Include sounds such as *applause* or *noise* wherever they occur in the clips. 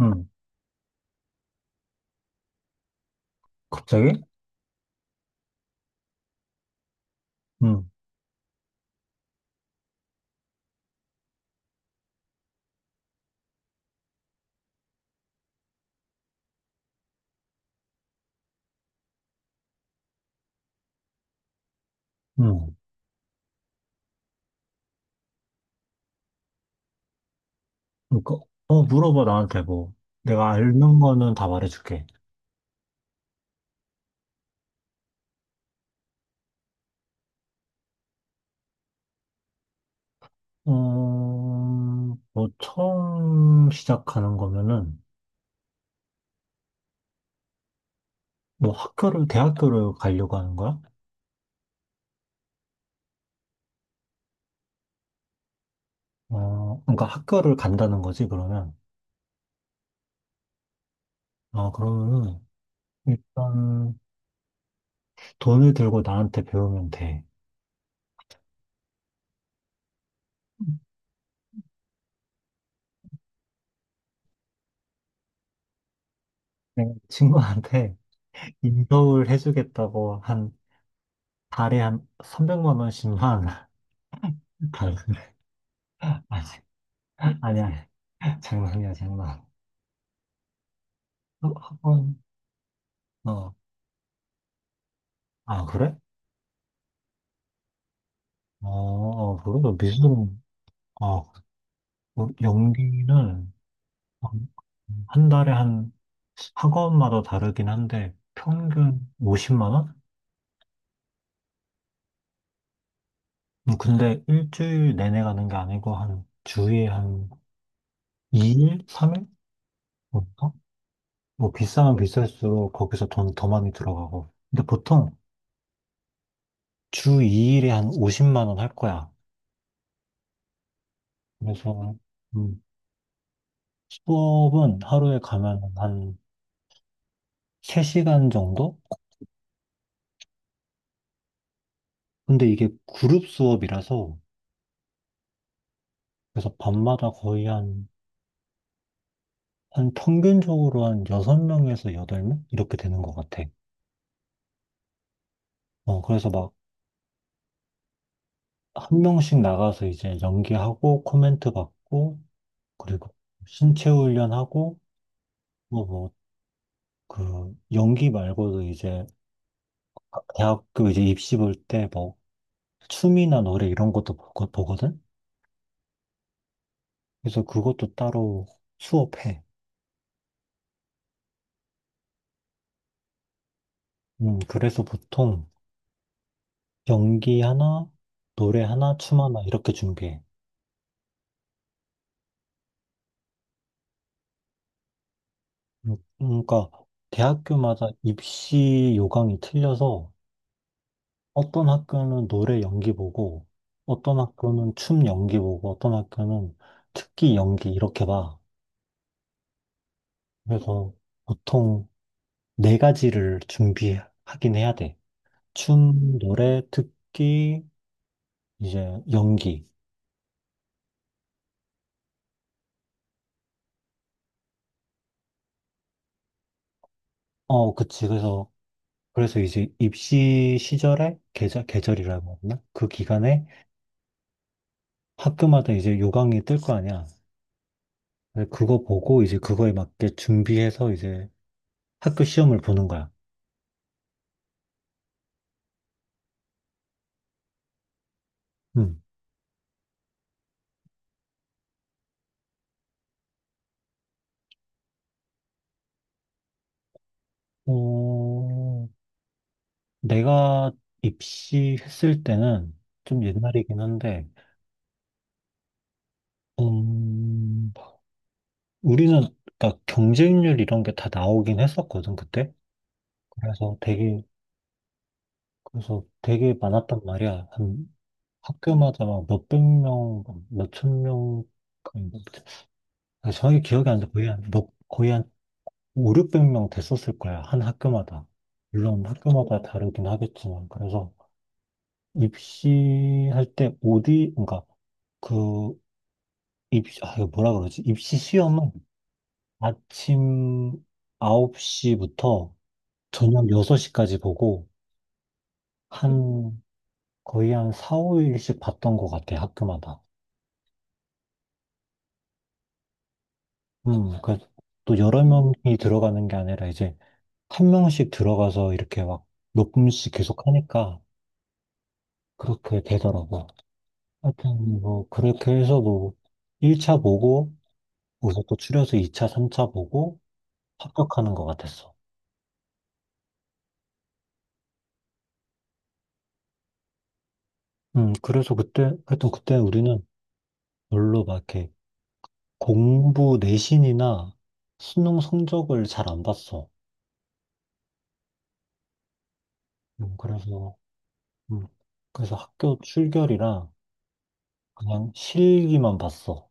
응, 갑자기? 응, 응. 그러니까, 물어봐, 나한테 뭐. 내가 아는 거는 다 말해줄게. 뭐, 처음 시작하는 거면은, 뭐, 대학교를 가려고 하는 거야? 그러니까 학교를 간다는 거지, 그러면. 아, 그러면은, 일단, 돈을 들고 나한테 배우면 돼. 내가 친구한테 *laughs* 인서울 해주겠다고 한 달에 한 300만 원씩만 *laughs* 달래. 아니, 아니야. 장난이야, 장난. 어, 어, 어. 아, 그래? 어, 어, 그래도 미술은. 어, 뭐, 연기는 한, 달에 한 학원마다 다르긴 한데, 평균 50만 원? 근데 일주일 내내 가는 게 아니고, 한 주에 한 2일? 3일? 어? 뭐, 비싸면 비쌀수록 거기서 돈 더 많이 들어가고. 근데 보통 주 2일에 한 50만 원 할 거야. 그래서, 음, 수업은 하루에 가면 한 3시간 정도? 근데 이게 그룹 수업이라서 그래서 밤마다 거의 한 평균적으로 한 6명에서 8명? 이렇게 되는 것 같아. 어, 그래서 막 한 명씩 나가서 이제 연기하고 코멘트 받고 그리고 신체 훈련하고 뭐, 그 연기 말고도 이제 아, 대학교 이제 입시 볼 때 뭐 춤이나 노래 이런 것도 보거든? 그래서 그것도 따로 수업해. 그래서 보통 연기 하나, 노래 하나, 춤 하나 이렇게 준비해. 그러니까 대학교마다 입시 요강이 틀려서 어떤 학교는 노래 연기 보고 어떤 학교는 춤 연기 보고 어떤 학교는 특기 연기 이렇게 봐. 그래서 보통 네 가지를 준비하긴 해야 돼. 춤, 노래, 특기, 이제 연기. 어, 그치. 그래서 이제 입시 시절에 계절 계절이라고 하나? 그 기간에 학교마다 이제 요강이 뜰 거 아니야. 그래서 그거 보고 이제 그거에 맞게 준비해서 이제 학교 시험을 보는 거야. 음. 어, 내가 입시했을 때는 좀 옛날이긴 한데, 음, 우리는 그러니까 경쟁률 이런 게 다 나오긴 했었거든, 그때. 그래서 되게, 그래서 되게 많았단 말이야. 한 학교마다 막 몇백 명, 몇 천 명, 정확히 기억이 안 나. 거의 한 5, 600명 됐었을 거야. 한 학교마다. 물론 학교마다 다르긴 하겠지만. 그래서 입시할 때 어디, 그러니까 그 입시, 아, 이거 뭐라 그러지? 입시 시험은 아침 9시부터 저녁 6시까지 보고 한 거의 한 4, 5일씩 봤던 것 같아, 학교마다. 그또 여러 명이 들어가는 게 아니라 이제 한 명씩 들어가서 이렇게 막 몇 분씩 계속 하니까 그렇게 되더라고. 하여튼 뭐 그렇게 해서 뭐 1차 보고 거기서 또 추려서 2차, 3차 보고 합격하는 것 같았어. 그래서 그때 하여튼 그때 우리는 별로 막 이렇게 공부 내신이나 수능 성적을 잘 안 봤어. 음, 그래서 음, 그래서 학교 출결이랑 그냥 실기만 봤어.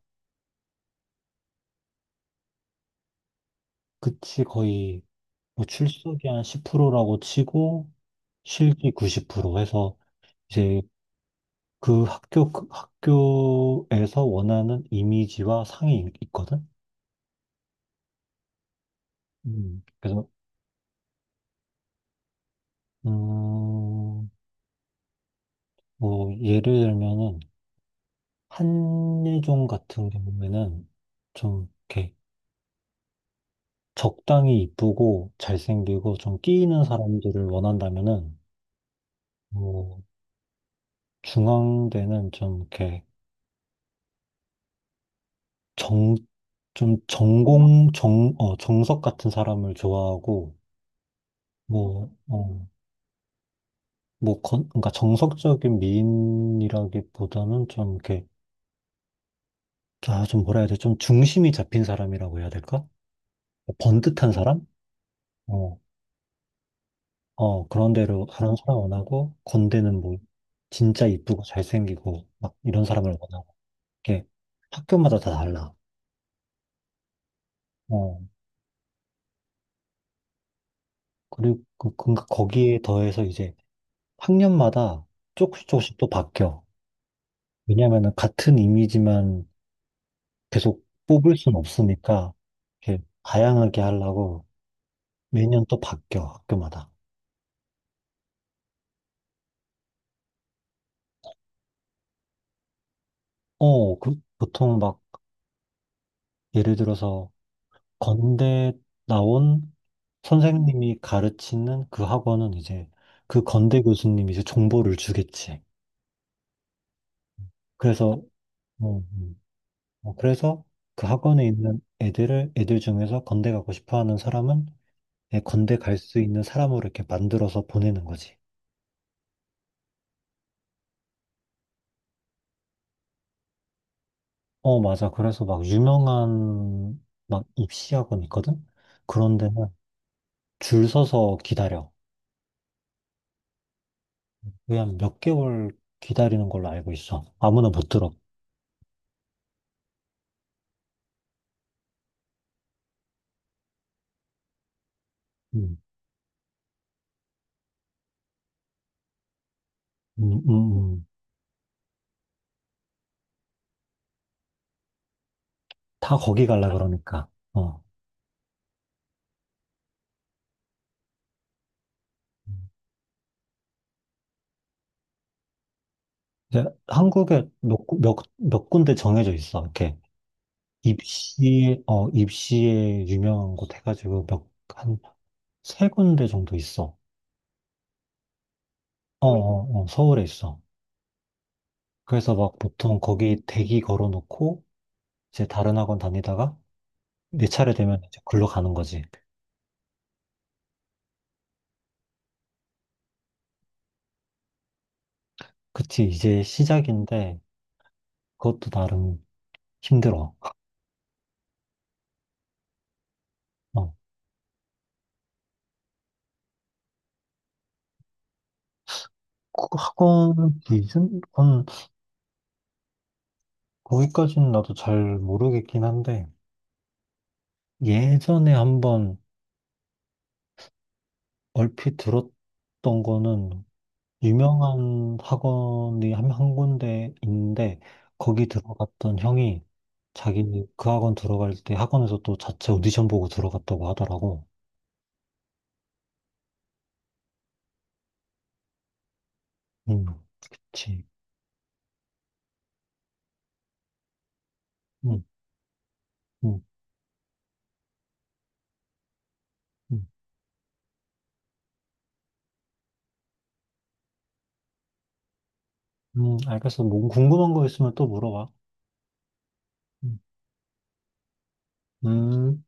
그치 거의 뭐 출석이 한 10%라고 치고 실기 90% 해서 이제 그 학교, 그 학교에서 원하는 이미지와 상이 있거든? 그래서, 음, 뭐, 예를 들면은, 한예종 같은 경우에는 좀, 이렇게, 적당히 이쁘고 잘생기고 좀 끼이는 사람들을 원한다면은, 뭐, 중앙대는 좀, 이렇게, 정, 좀 전공, 정, 어, 정석 같은 사람을 좋아하고, 뭐, 어, 뭐, 그러니까 정석적인 미인이라기보다는 좀 이렇게, 아, 좀 뭐라 해야 돼? 좀 중심이 잡힌 사람이라고 해야 될까? 뭐 번듯한 사람? 어, 어, 그런 대로 다른 사람 원하고, 건대는 뭐, 진짜 이쁘고 잘생기고, 막 이런 사람을 원하고, 이렇게 학교마다 다 달라. 어, 그리고 그러니까 거기에 더해서 이제 학년마다 조금씩 조금씩 또 바뀌어. 왜냐면은 같은 이미지만 계속 뽑을 순 없으니까, 이렇게 다양하게 하려고, 매년 또 바뀌어, 학교마다. 어, 그, 보통 막, 예를 들어서, 건대 나온 선생님이 가르치는 그 학원은 이제, 그 건대 교수님이 이제 정보를 주겠지. 그래서, 뭐, 그래서 그 학원에 있는 애들을, 애들 중에서 건대 가고 싶어 하는 사람은, 애 건대 갈 수 있는 사람으로 이렇게 만들어서 보내는 거지. 어, 맞아. 그래서 막, 유명한, 막, 입시 학원 있거든? 그런 데는 줄 서서 기다려. 그냥 한몇 개월 기다리는 걸로 알고 있어. 아무나 못 들어. 음, 음, 음, 음. 다 거기 갈라 아, 그러니까. 어. 이제 한국에 몇 군데 정해져 있어. 이렇게 입시에, 입시에 유명한 곳 해가지고 몇, 한 세 군데 정도 있어. 어, 어, 어, 서울에 있어. 그래서 막 보통 거기 대기 걸어놓고 이제 다른 학원 다니다가 내 차례 되면 이제 글로 가는 거지. 그치, 이제 시작인데 그것도 나름 힘들어. 어, 그 학원 기준? 거기까지는 나도 잘 모르겠긴 한데, 예전에 한번 얼핏 들었던 거는, 유명한 학원이 한 군데인데, 거기 들어갔던 형이 자기 그 학원 들어갈 때 학원에서 또 자체 오디션 보고 들어갔다고 하더라고. 음, 그치. 음, 음, 음. 알겠어. 뭐 궁금한 거 있으면 또 물어봐. 음. 음.